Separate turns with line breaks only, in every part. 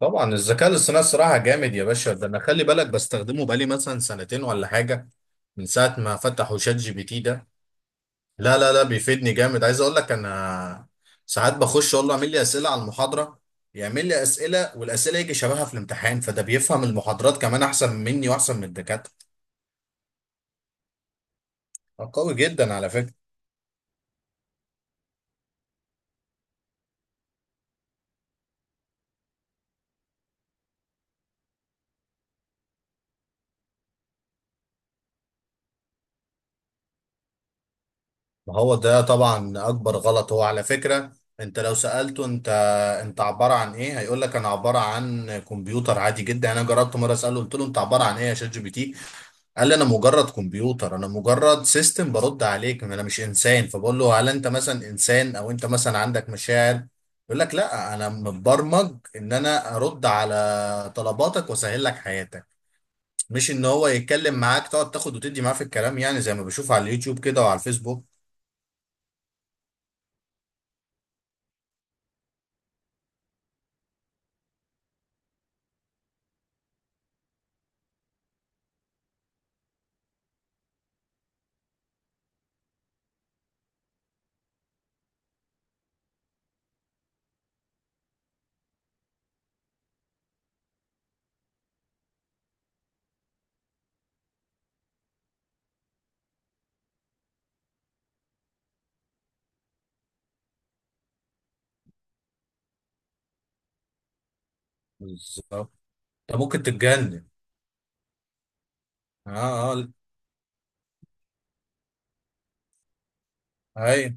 طبعا الذكاء الاصطناعي الصراحه جامد يا باشا، ده انا خلي بالك بستخدمه بقالي مثلا سنتين ولا حاجه من ساعه ما فتحوا شات جي بي تي ده. لا لا لا، بيفيدني جامد، عايز اقول لك انا ساعات بخش اقول له اعمل لي اسئله على المحاضره. يعمل لي اسئله، والاسئله يجي شبهها في الامتحان، فده بيفهم المحاضرات كمان احسن مني واحسن من الدكاتره. قوي جدا على فكره. ما هو ده طبعا اكبر غلط هو على فكرة. انت لو سألته انت، انت عبارة عن ايه؟ هيقول لك انا عبارة عن كمبيوتر عادي جدا. انا جربت مرة اسأله، قلت له انت عبارة عن ايه يا شات جي بي تي؟ قال لي انا مجرد كمبيوتر، انا مجرد سيستم برد عليك، انا مش انسان. فبقول له هل انت مثلا انسان، او انت مثلا عندك مشاعر؟ يقول لك لا، انا متبرمج ان انا ارد على طلباتك واسهل لك حياتك. مش ان هو يتكلم معاك تقعد تاخد وتدي معاه في الكلام، يعني زي ما بشوف على اليوتيوب كده وعلى الفيسبوك. بالظبط. انت ممكن تتجنن. اه اه. ايوه.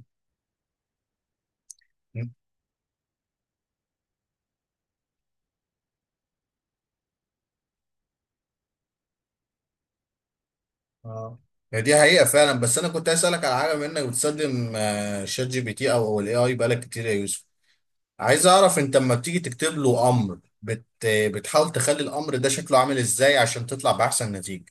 اه، هي دي حقيقة فعلا. بس انا كنت عايز اسالك على حاجة، بما انك بتستخدم شات جي بي تي او الاي اي بقالك كتير يا يوسف. عايز اعرف انت لما بتيجي تكتب له امر بتحاول تخلي الامر ده شكله عامل ازاي عشان تطلع باحسن نتيجة.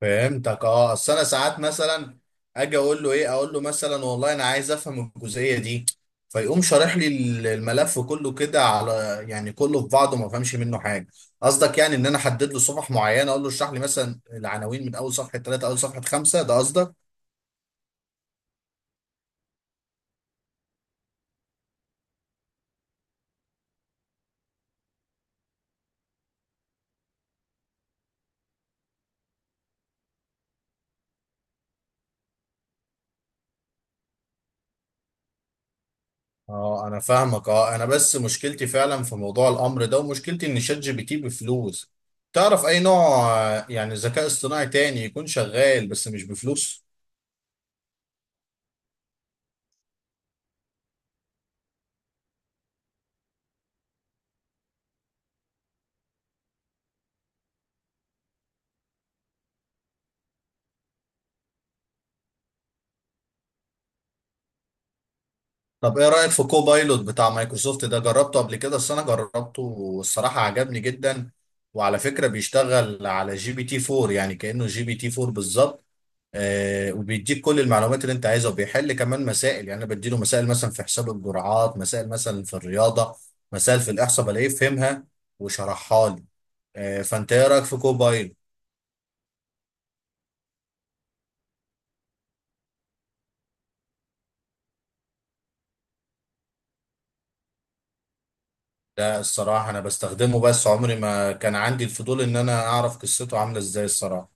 فهمتك اه. اصل انا ساعات مثلا اجي اقول له ايه، اقول له مثلا والله انا عايز افهم الجزئيه دي، فيقوم شارح لي الملف كله كده على، يعني كله في بعضه، ما فهمش منه حاجه. قصدك يعني ان انا احدد له صفح معينه، اقول له اشرح لي مثلا العناوين من اول صفحه ثلاثه، اول صفحه خمسه، ده قصدك؟ اه انا فاهمك. اه، انا بس مشكلتي فعلا في موضوع الامر ده، ومشكلتي ان شات جي بي تي بفلوس. تعرف اي نوع يعني ذكاء اصطناعي تاني يكون شغال بس مش بفلوس؟ طب ايه رأيك في كوبايلوت بتاع مايكروسوفت ده؟ جربته قبل كده؟ بس انا جربته والصراحة عجبني جدا، وعلى فكرة بيشتغل على جي بي تي 4، يعني كأنه جي بي تي 4 بالظبط. آه، وبيديك كل المعلومات اللي انت عايزها، وبيحل كمان مسائل. يعني انا بديله مسائل مثلا في حساب الجرعات، مسائل مثلا في الرياضة، مسائل في الإحصاء، بلاقيه فهمها وشرحها لي. آه، فانت ايه رأيك في كوبايلوت؟ ده الصراحة انا بستخدمه، بس عمري ما كان عندي الفضول ان انا اعرف قصته عاملة ازاي الصراحة.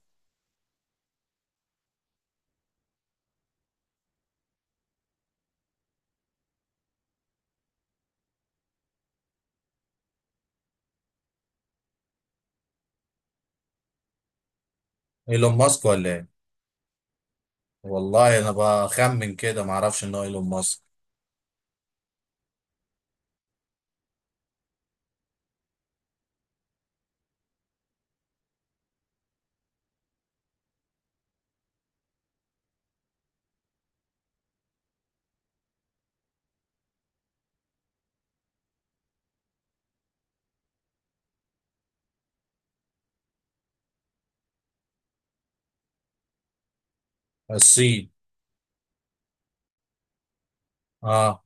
ايلون ماسك ولا ايه؟ والله انا بخمن كده، ما اعرفش ان هو ايلون ماسك. الصين. اه.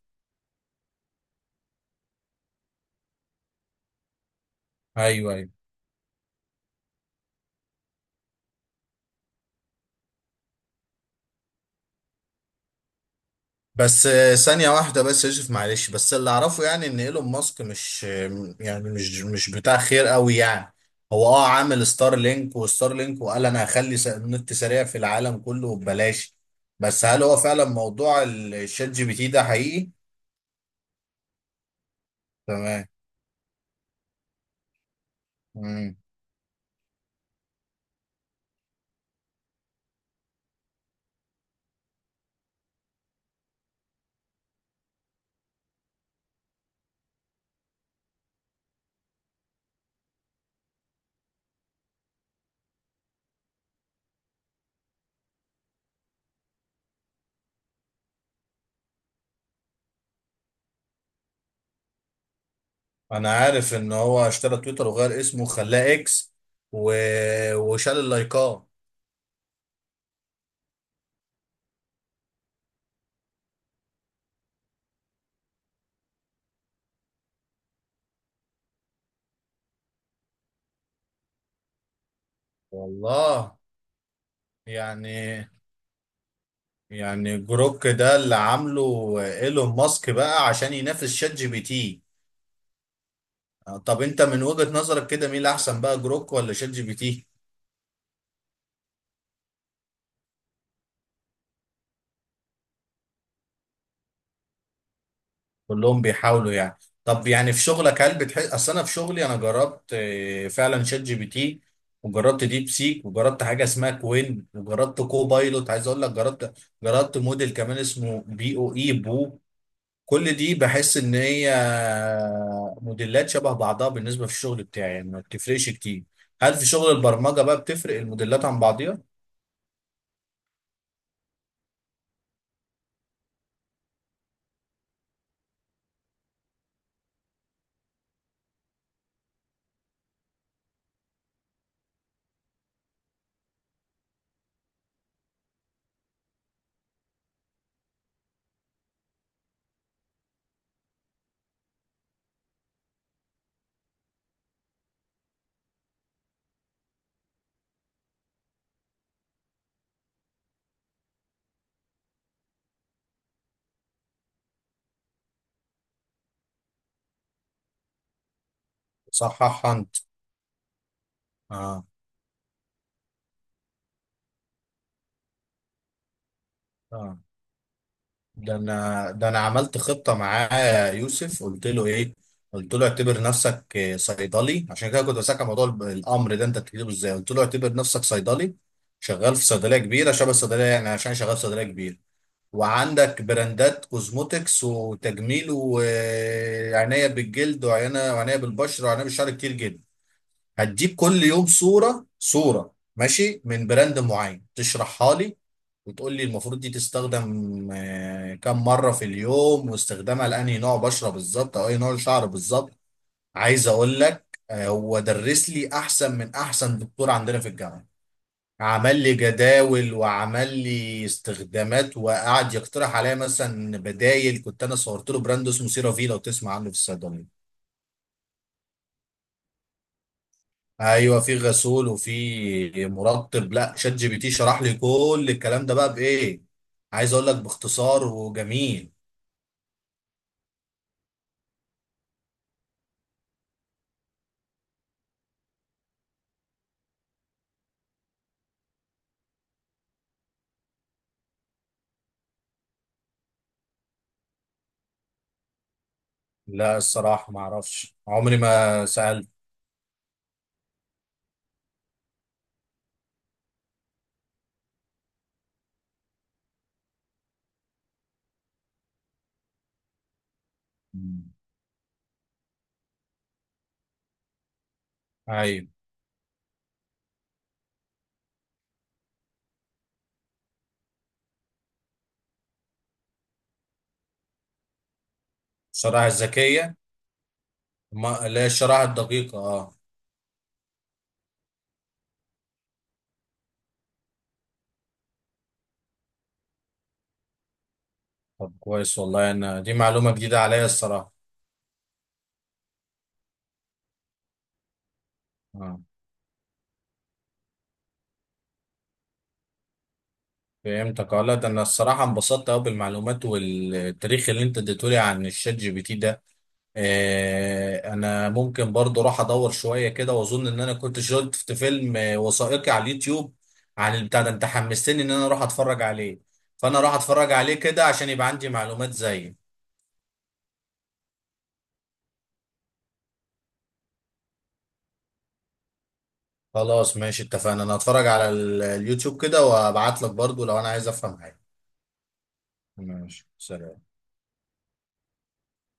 ايوه ايوه. بس آه، ثانية واحدة بس يا يوسف معلش. بس اللي اعرفه يعني ان ايلون ماسك مش آه، يعني مش مش بتاع خير قوي يعني. هو اه عامل ستار لينك، وستار لينك وقال انا هخلي النت سريع في العالم كله ببلاش. بس هل هو فعلا موضوع الشات جي بي تي ده حقيقي؟ تمام. مم. انا عارف ان هو اشترى تويتر وغير اسمه وخلاه اكس و... وشال اللايكات. والله. يعني، يعني جروك ده اللي عامله ايلون ماسك بقى عشان ينافس شات جي بي تي؟ طب انت من وجهة نظرك كده مين اللي احسن بقى، جروك ولا شات جي بي تي؟ كلهم بيحاولوا يعني. طب يعني في شغلك هل بتحس؟ اصل انا في شغلي انا جربت آه، فعلا شات جي بي تي، وجربت ديب سيك، وجربت حاجه اسمها كوين، وجربت كوبايلوت. عايز اقول لك جربت، جربت موديل كمان اسمه بي او اي بو. كل دي بحس ان هي موديلات شبه بعضها بالنسبه في الشغل بتاعي، يعني ما بتفرقش كتير. هل في شغل البرمجه بقى بتفرق الموديلات عن بعضيها؟ صحح انت. اه اه. ده انا، ده انا عملت خطه معاه يا يوسف. قلت له ايه؟ قلت له اعتبر نفسك آه، صيدلي. عشان كده كنت بسألك عن موضوع الامر ده انت بتكتبه ازاي. قلت له اعتبر نفسك صيدلي شغال في صيدليه كبيره شبه الصيدليه يعني، عشان شغال في صيدليه كبيره وعندك براندات كوزموتكس وتجميل وعناية بالجلد وعناية وعناية بالبشرة وعناية بالشعر كتير جدا. هتجيب كل يوم صورة صورة ماشي من براند معين تشرحها لي، وتقول لي المفروض دي تستخدم آه، كم مرة في اليوم، واستخدامها لأنهي نوع بشرة بالظبط أو أي نوع شعر بالظبط. عايز أقول لك آه، هو درس لي أحسن من أحسن دكتور عندنا في الجامعة. عمل لي جداول، وعمل لي استخدامات، وقعد يقترح عليا مثلا بدايل. كنت انا صورت له براند اسمه سيرافي، لو تسمع عنه في الصيدليه. ايوه، في غسول وفي مرطب. لا شات جي بي تي شرح لي كل الكلام ده بقى بايه. عايز اقول لك باختصار وجميل. لا الصراحه ما اعرفش، عمري ما سالت. مم. ايوه. الشرائح الذكيه. ما لا، الشرائح الدقيقه اه. طب كويس، والله انا دي معلومه جديده عليا الصراحه. آه. فهمتك اه. لا ده انا الصراحه انبسطت قوي بالمعلومات والتاريخ اللي انت اديتهولي عن الشات جي بي تي ده. آه، انا ممكن برضو راح ادور شويه كده، واظن ان انا كنت شفت فيلم آه، وثائقي على اليوتيوب عن البتاع ده. انت حمستني ان انا اروح اتفرج عليه، فانا راح اتفرج عليه كده عشان يبقى عندي معلومات زي. خلاص ماشي اتفقنا، انا هتفرج على اليوتيوب كده، وابعت لك برضو لو انا عايز افهم حاجه. ماشي سلام.